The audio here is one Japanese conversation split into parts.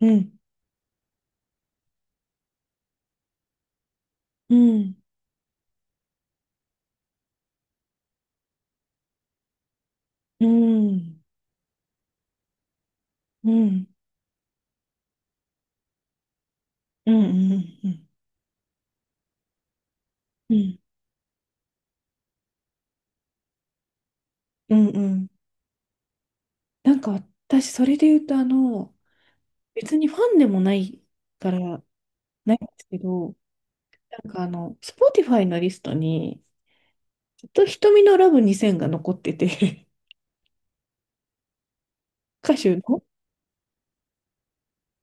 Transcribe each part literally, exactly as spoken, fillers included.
うん、うん、うん、うん、うん、うん、うん、うん、うん。うん、なんか私、それで言うと、あの、別にファンでもないから、ないんですけど、なんかあの、Spotify のリストに、ずっと瞳のラブにせんが残ってて。 歌手の。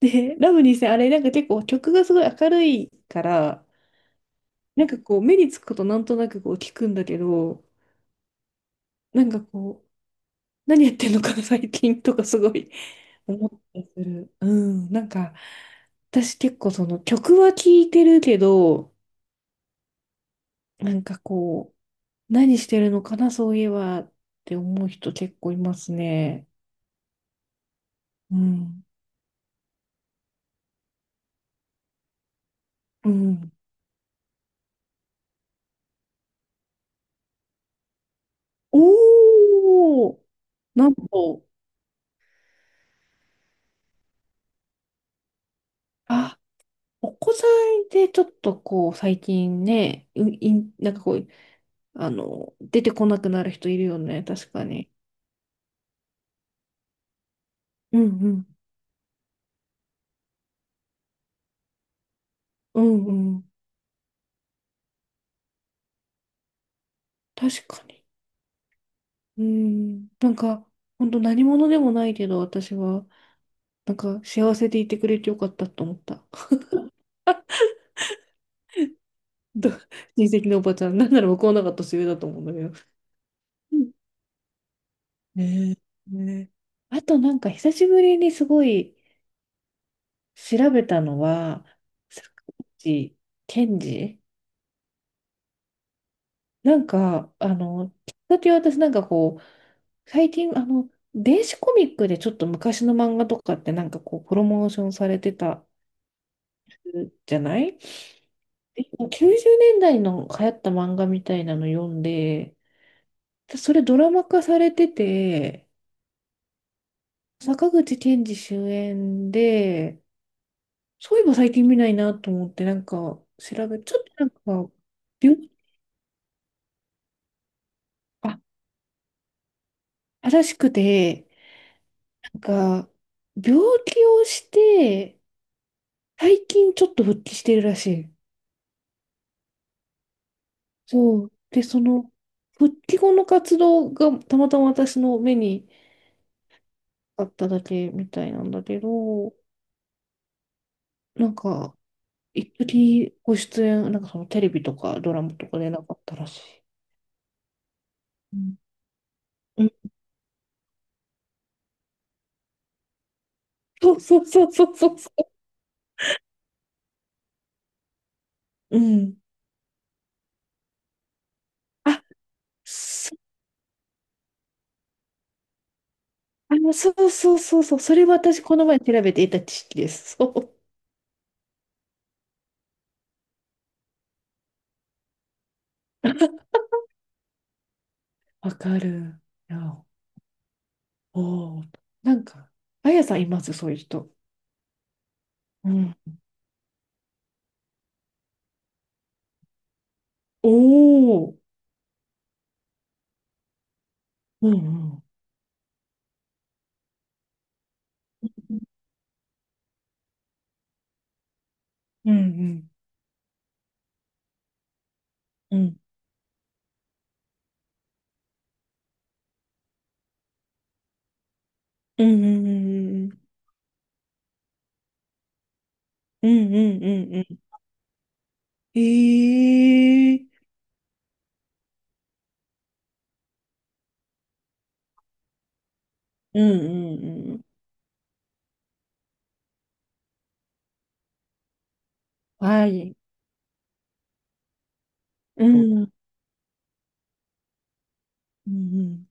で、ラブにせん、あれ、なんか結構曲がすごい明るいから、なんかこう、目につくことなんとなくこう聞くんだけど、なんかこう、何やってんのかな、最近とかすごい思ったりする。うん。なんか、私結構その曲は聴いてるけど、なんかこう、何してるのかな、そういえばって思う人結構いますね。うん。うん。おー、なんと。あ、お子さんでちょっとこう、最近ね、ういん、なんかこう、あの、出てこなくなる人いるよね、確かに。うんうん。うんうん。確かに。うん。なんか、本当何者でもないけど、私は、なんか、幸せでいてくれてよかったと思った。ど親戚のおばちゃん、なんなら向こうの方が年上だと思うんだけど。うん、ねえ。ねえ、あと、なんか、久しぶりにすごい調べたのは、坂口健二。なんか、あの、きっかけは私なんかこう、最近、あの、電子コミックでちょっと昔の漫画とかってなんかこう、プロモーションされてたじゃない。きゅうじゅうねんだいの流行った漫画みたいなの読んで、それドラマ化されてて、坂口憲二主演で、そういえば最近見ないなと思って、なんか調べ、ちょっとなんか、病、あ、正しくて、なんか、病気をして、最近ちょっと復帰してるらしい。そう。で、その、復帰後の活動がたまたま私の目にあっただけみたいなんだけど、なんか、一時ご出演、なんかそのテレビとかドラマとかでなかったらしい。うんうん、そうそうそうそうそうそう。うん。あ、そ、あの、そうそうそうそう。それは私、この前調べていた知識です。そう。わかる。いや、おお。なんか、あやさんいます、そういう人。うん。おお。うんうん。うんうん。うんうんうんうんうん。うんうんうんうん。ええ、うんうんうん。はい。うんうんうん。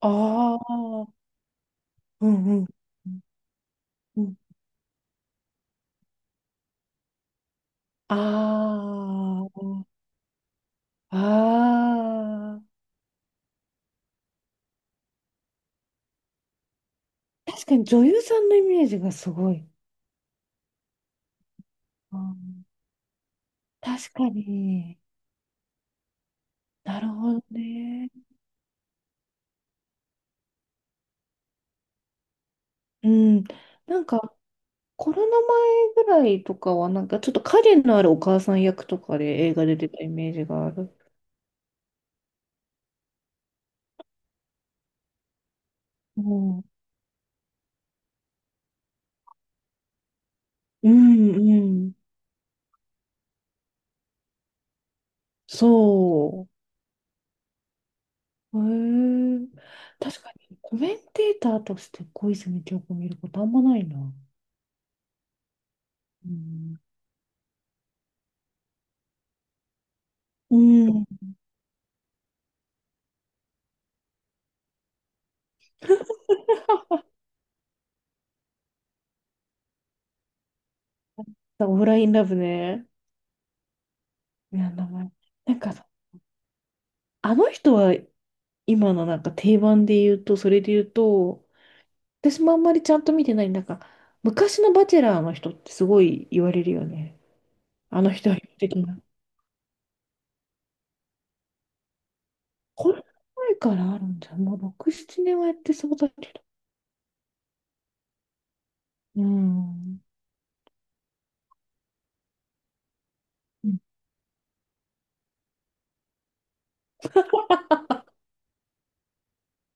ああ、うんうん。うん。ああ、ああ。確かに女優さんのイメージがすごい。あ、確かに。なるほどね。うん。なんか、コロナ前ぐらいとかは、なんかちょっと影のあるお母さん役とかで映画で出てたイメージがある。うんうんうん。そう。へえ、確かにコメンテーターとして小泉今日子見ることあんまないな。うん。うん。オフラインラブね。いや、名前。なんかさ、あの人は今のなんか定番で言うと、それで言うと、私もあんまりちゃんと見てない、なんか、昔のバチェラーの人ってすごい言われるよね。あの人は的な。これ前からあるんじゃん。もうろく、ななねんはやってそうだけど。うん。うん、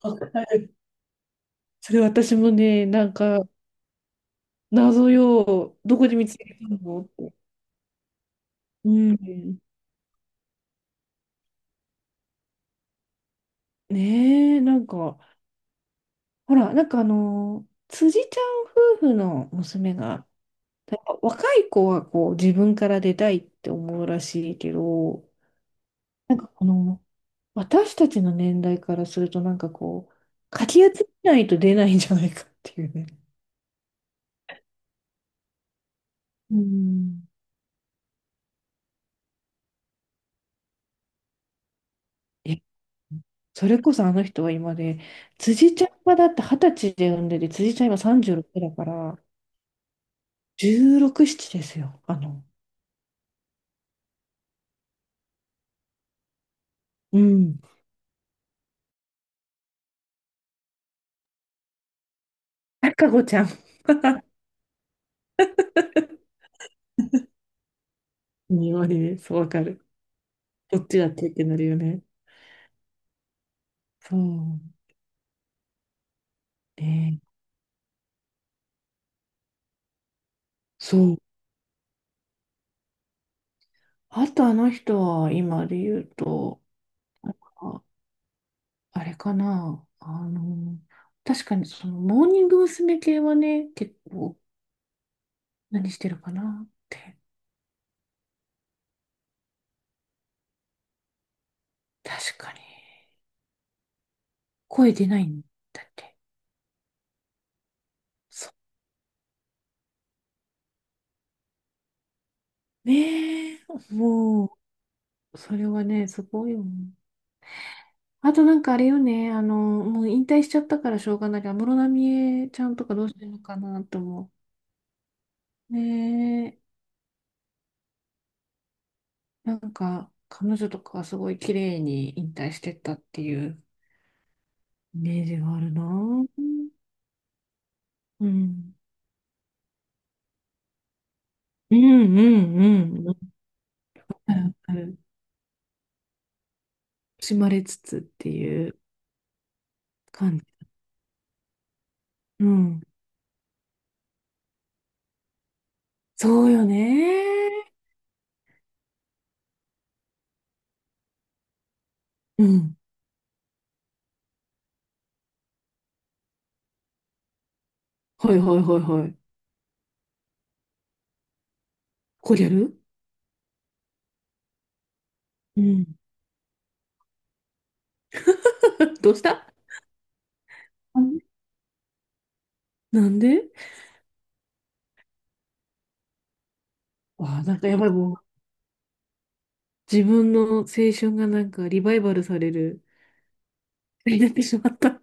わかる。それ、私もね、なんか、謎よ。どこで見つけたのって。うん。ねえ、なんか、ほら、なんかあの、辻ちゃん夫婦の娘が、なんか若い子はこう自分から出たいって思うらしいけど、なんかこの、私たちの年代からすると、なんかこう、かき集めないと出ないんじゃないかっていうね。うん。え、それこそあの人は今で、辻ちゃんはだって二十歳で産んでて、辻ちゃん今さんじゅうろくだから、じゅうろく、ななですよ。あの、うん。赤子ちゃんに言われる。そう、わかる。こっちだってってなるよね。そう。ね。そう。あとあの人は、今で言うと、なんか、あれかな。あの、確かにその、モーニング娘。系はね、結構、何してるかなって。確かに。声出ないんだって。そう。ねえ。もう、それはね、すごいよね。あとなんかあれよね、あの、もう引退しちゃったからしょうがないから、安室奈美恵ちゃんとかどうしてるのかなと思う。ねえ、なんか彼女とかはすごい綺麗に引退してったっていうイメージがあるな。うん。うんうんうん。あるある、惜しまれつつっていう感じ。うん。そうよね。うん。はいはいはいはい。こりゃる、うん。どうした。なんで、なんで。わあ、なんかやばい、もう自分の青春がなんかリバイバルされる、になってしまった。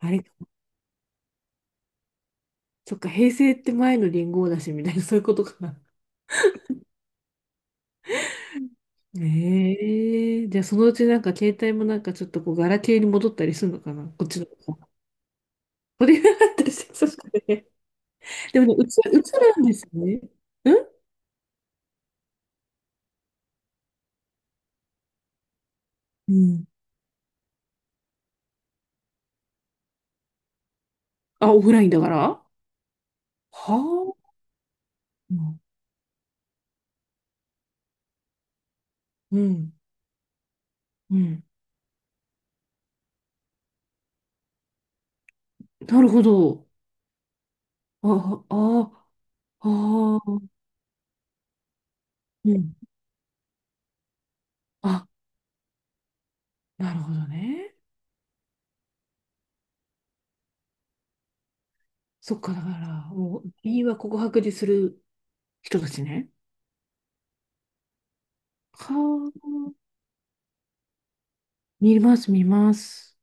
あれか。そっか、平成って前の元号だし、みたいな、そういうことかな。ええ、じゃあそのうちなんか携帯もなんかちょっとこう、ガラケーに戻ったりするのかな、こっちの方が。これがあったりして、そうですね。でもね、映る、映るんですね。うん。うん。あ、オフラインだからは。あ。うん。うん。なるほど。あ、あ、ああ、うん。あ、なるほどね。そっか、だから、もう、民話告白でする人たちね。はあ、見ます、見ます。